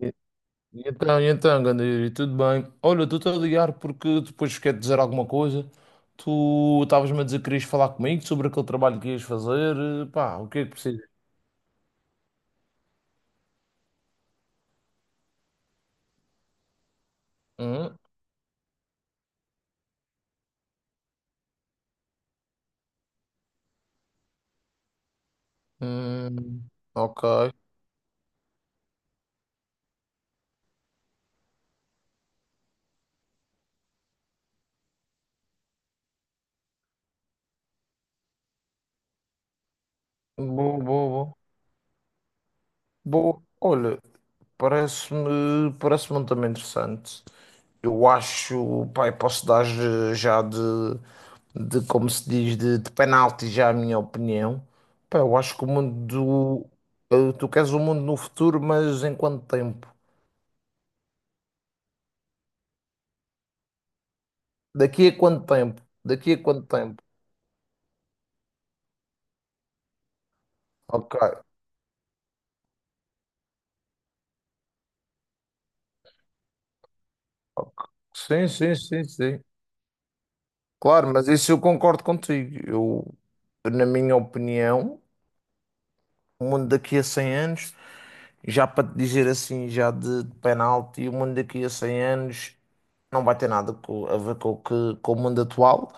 E e então, ganda Yuri, tudo bem? Olha, estou-te a ligar porque depois quero dizer alguma coisa. Tu estavas-me a dizer que querias falar comigo sobre aquele trabalho que ias fazer. Pá, o que é que precisas? Hum, hum, ok. Boa, boa, boa. Boa. Olha, parece-me um tema interessante. Eu acho, pai, posso dar já de como se diz, de penalti já a minha opinião. Pá, eu acho que o mundo do, eh, tu queres o mundo no futuro, mas em quanto tempo? Daqui a quanto tempo? Daqui a quanto tempo? Ok. Sim, sim, sim, sim. Claro, mas isso eu concordo contigo. Eu, na minha opinião, o mundo daqui a 100 anos, já para te dizer assim, já de penalti, o mundo daqui a 100 anos não vai ter nada a ver com, com o mundo atual.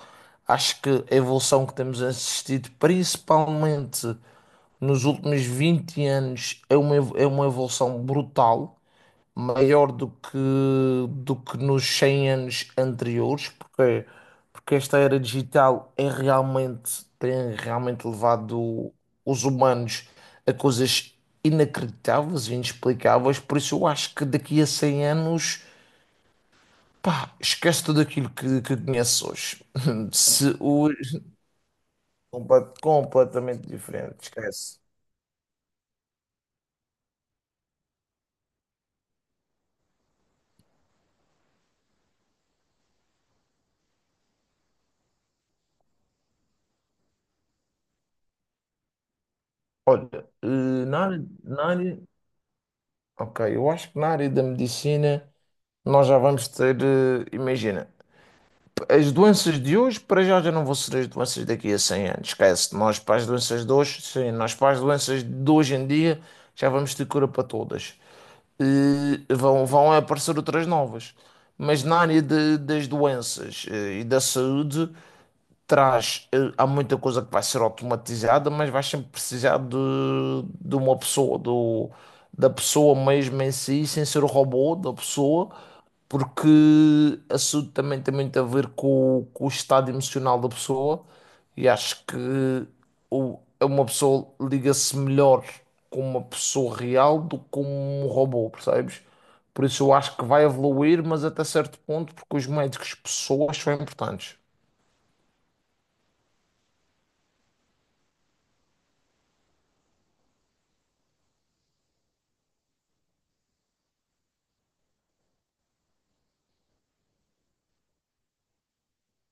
Acho que a evolução que temos assistido, principalmente nos últimos 20 anos, é uma evolução brutal maior do que nos 100 anos anteriores, porque esta era digital tem realmente levado os humanos a coisas inacreditáveis e inexplicáveis, por isso eu acho que daqui a 100 anos, pá, esquece tudo aquilo que conheces hoje. Se hoje, completamente diferente, esquece. Olha, na área, na área, ok, eu acho que na área da medicina. Nós já vamos ter, imagina, as doenças de hoje para já já não vão ser as doenças daqui a 100 anos. Esquece, nós para as doenças de hoje, sim, nós para as doenças de hoje em dia já vamos ter cura para todas. E vão aparecer outras novas. Mas na área das doenças e da saúde, há muita coisa que vai ser automatizada, mas vais sempre precisar de uma pessoa, da pessoa mesmo em si, sem ser o robô da pessoa, porque isso também tem muito a ver com o estado emocional da pessoa, e acho que uma pessoa liga-se melhor com uma pessoa real do que com um robô, percebes? Por isso eu acho que vai evoluir, mas até certo ponto, porque os médicos pessoas são importantes.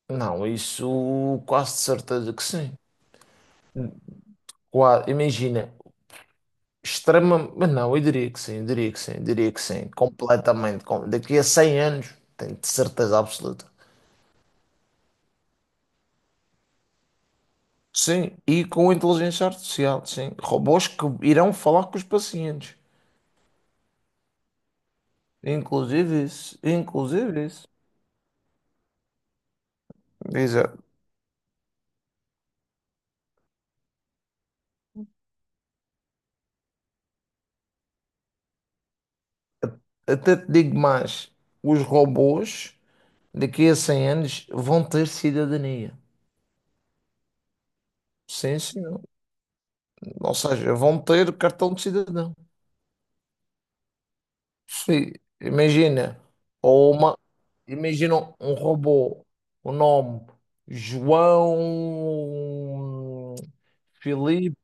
Não, isso quase de certeza que sim. Imagina, extrema, mas não, eu diria que sim, eu diria que sim, eu diria que sim, completamente. Daqui a 100 anos, tenho de certeza absoluta. Sim, e com inteligência artificial, sim. Robôs que irão falar com os pacientes. Inclusive isso, inclusive isso. Exato. Até te digo mais, os robôs daqui a 100 anos vão ter cidadania. Sim, sim. Ou seja, vão ter cartão de cidadão. Sim, imagina, ou uma, imagina um robô, o nome João Felipe,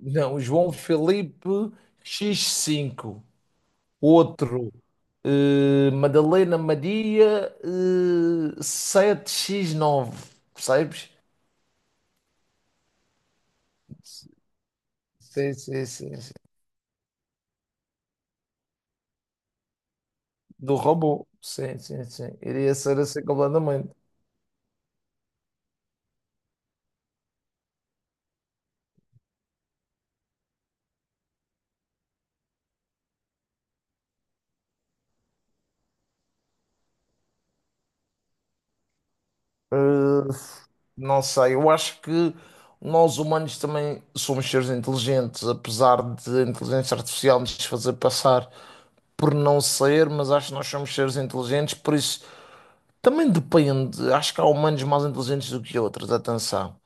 não, João Felipe x cinco, outro, Madalena Maria, 7 x nove, percebes? Sim, sim, sim, sim. Do robô, sim, sim, sim, iria ser assim completamente. Eh, Não sei, eu acho que nós humanos também somos seres inteligentes, apesar de a inteligência artificial nos fazer passar por não ser, mas acho que nós somos seres inteligentes, por isso também depende. Acho que há humanos mais inteligentes do que outros, atenção.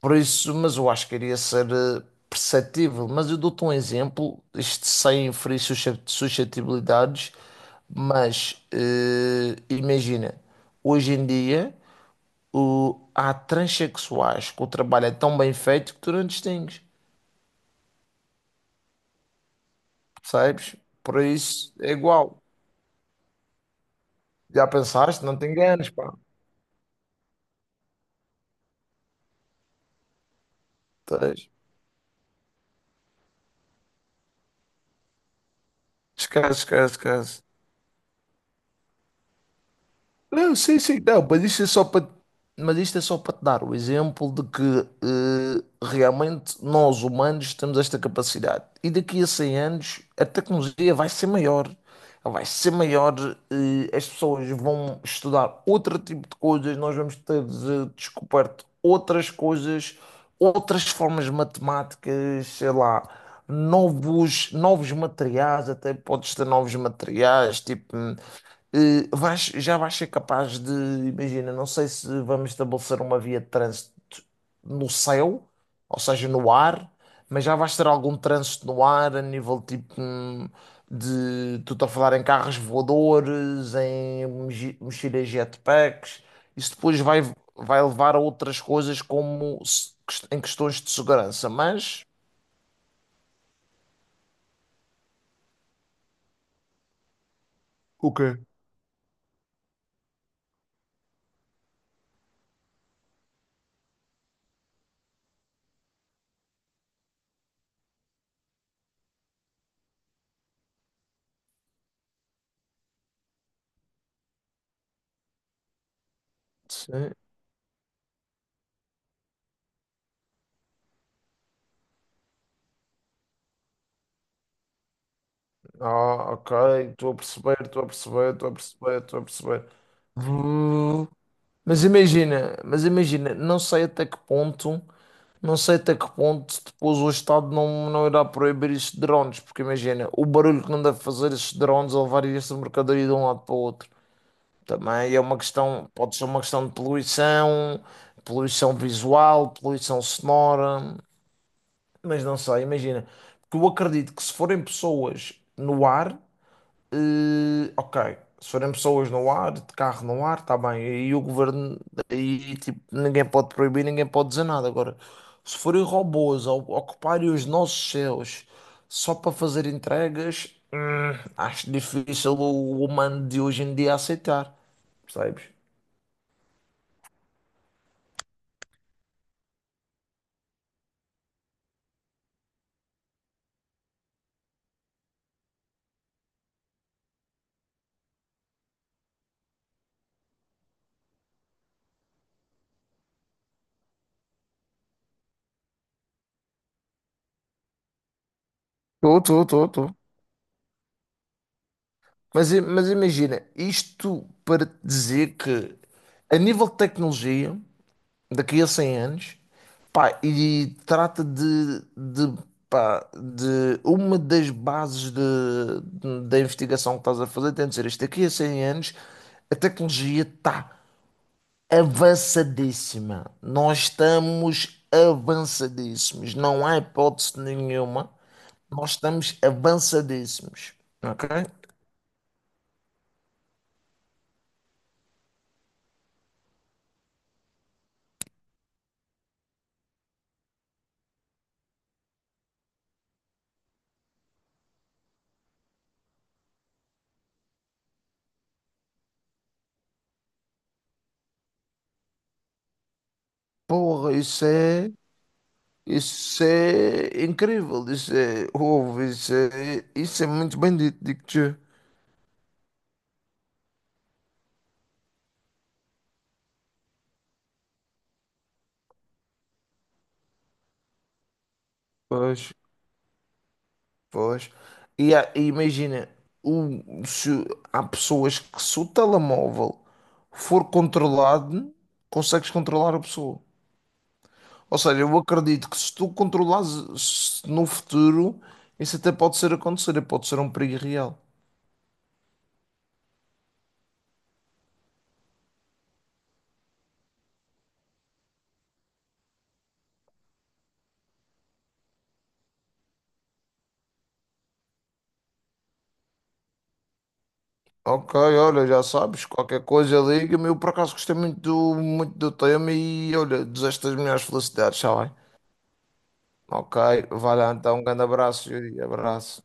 Por isso, mas eu acho que iria ser perceptível. Mas eu dou-te um exemplo, isto sem ferir suscetibilidades, mas imagina, hoje em dia. Há transexuais que o trabalho é tão bem feito que tu não distingues, percebes? Por isso é igual. Já pensaste? Não te enganes, pá. Tens. Esquece, esquece, esquece. Não, sim, sim, não, mas isto é só para te dar o exemplo de que realmente nós humanos temos esta capacidade. E daqui a 100 anos a tecnologia vai ser maior, as pessoas vão estudar outro tipo de coisas, nós vamos ter descoberto outras coisas, outras formas matemáticas, sei lá, novos materiais, até podes ter novos materiais, tipo já vais ser capaz de, imagina, não sei se vamos estabelecer uma via de trânsito no céu, ou seja, no ar, mas já vais ter algum trânsito no ar a nível tipo tu estou a falar em carros voadores, em mochilas jetpacks, isso depois vai levar a outras coisas como em questões de segurança, mas ok. Ah, ok, estou a perceber, estou a perceber, estou a perceber, estou a perceber. Vu- Mas imagina, não sei até que ponto, não sei até que ponto depois o Estado não, não irá proibir estes drones, porque imagina, o barulho que não deve fazer estes drones a levar esta mercadoria de um lado para o outro. Também é uma questão, pode ser uma questão de poluição, poluição visual, poluição sonora, mas não sei, imagina, porque eu acredito que se forem pessoas no ar. Ok, se forem pessoas no ar, de carro no ar, está bem. E o governo, aí tipo, ninguém pode proibir, ninguém pode dizer nada. Agora, se forem robôs a ocuparem os nossos céus só para fazer entregas, acho difícil o humano de hoje em dia aceitar, percebes? Estou, estou, estou, estou. Mas imagina, isto para te dizer que, a nível de tecnologia. Daqui a 100 anos, pá, e trata pá, de uma das bases da investigação que estás a fazer, tem de ser isto, daqui a 100 anos a tecnologia está avançadíssima, nós estamos avançadíssimos, não há hipótese nenhuma, nós estamos avançadíssimos, ok? Porra, isso é incrível, isso é ouve, isso é muito bem dito, digo-te. Pois, pois. E, imagina, se há pessoas que se o telemóvel for controlado, consegues controlar a pessoa. Ou seja, eu acredito que se tu controlares se no futuro, isso até pode ser acontecer, pode ser um perigo real. Ok, olha, já sabes, qualquer coisa liga-me. Eu por acaso gostei muito do tema e olha, desejo-te as melhores felicidades, está bem? Ok, vai lá então, um grande abraço, Yuri, abraço.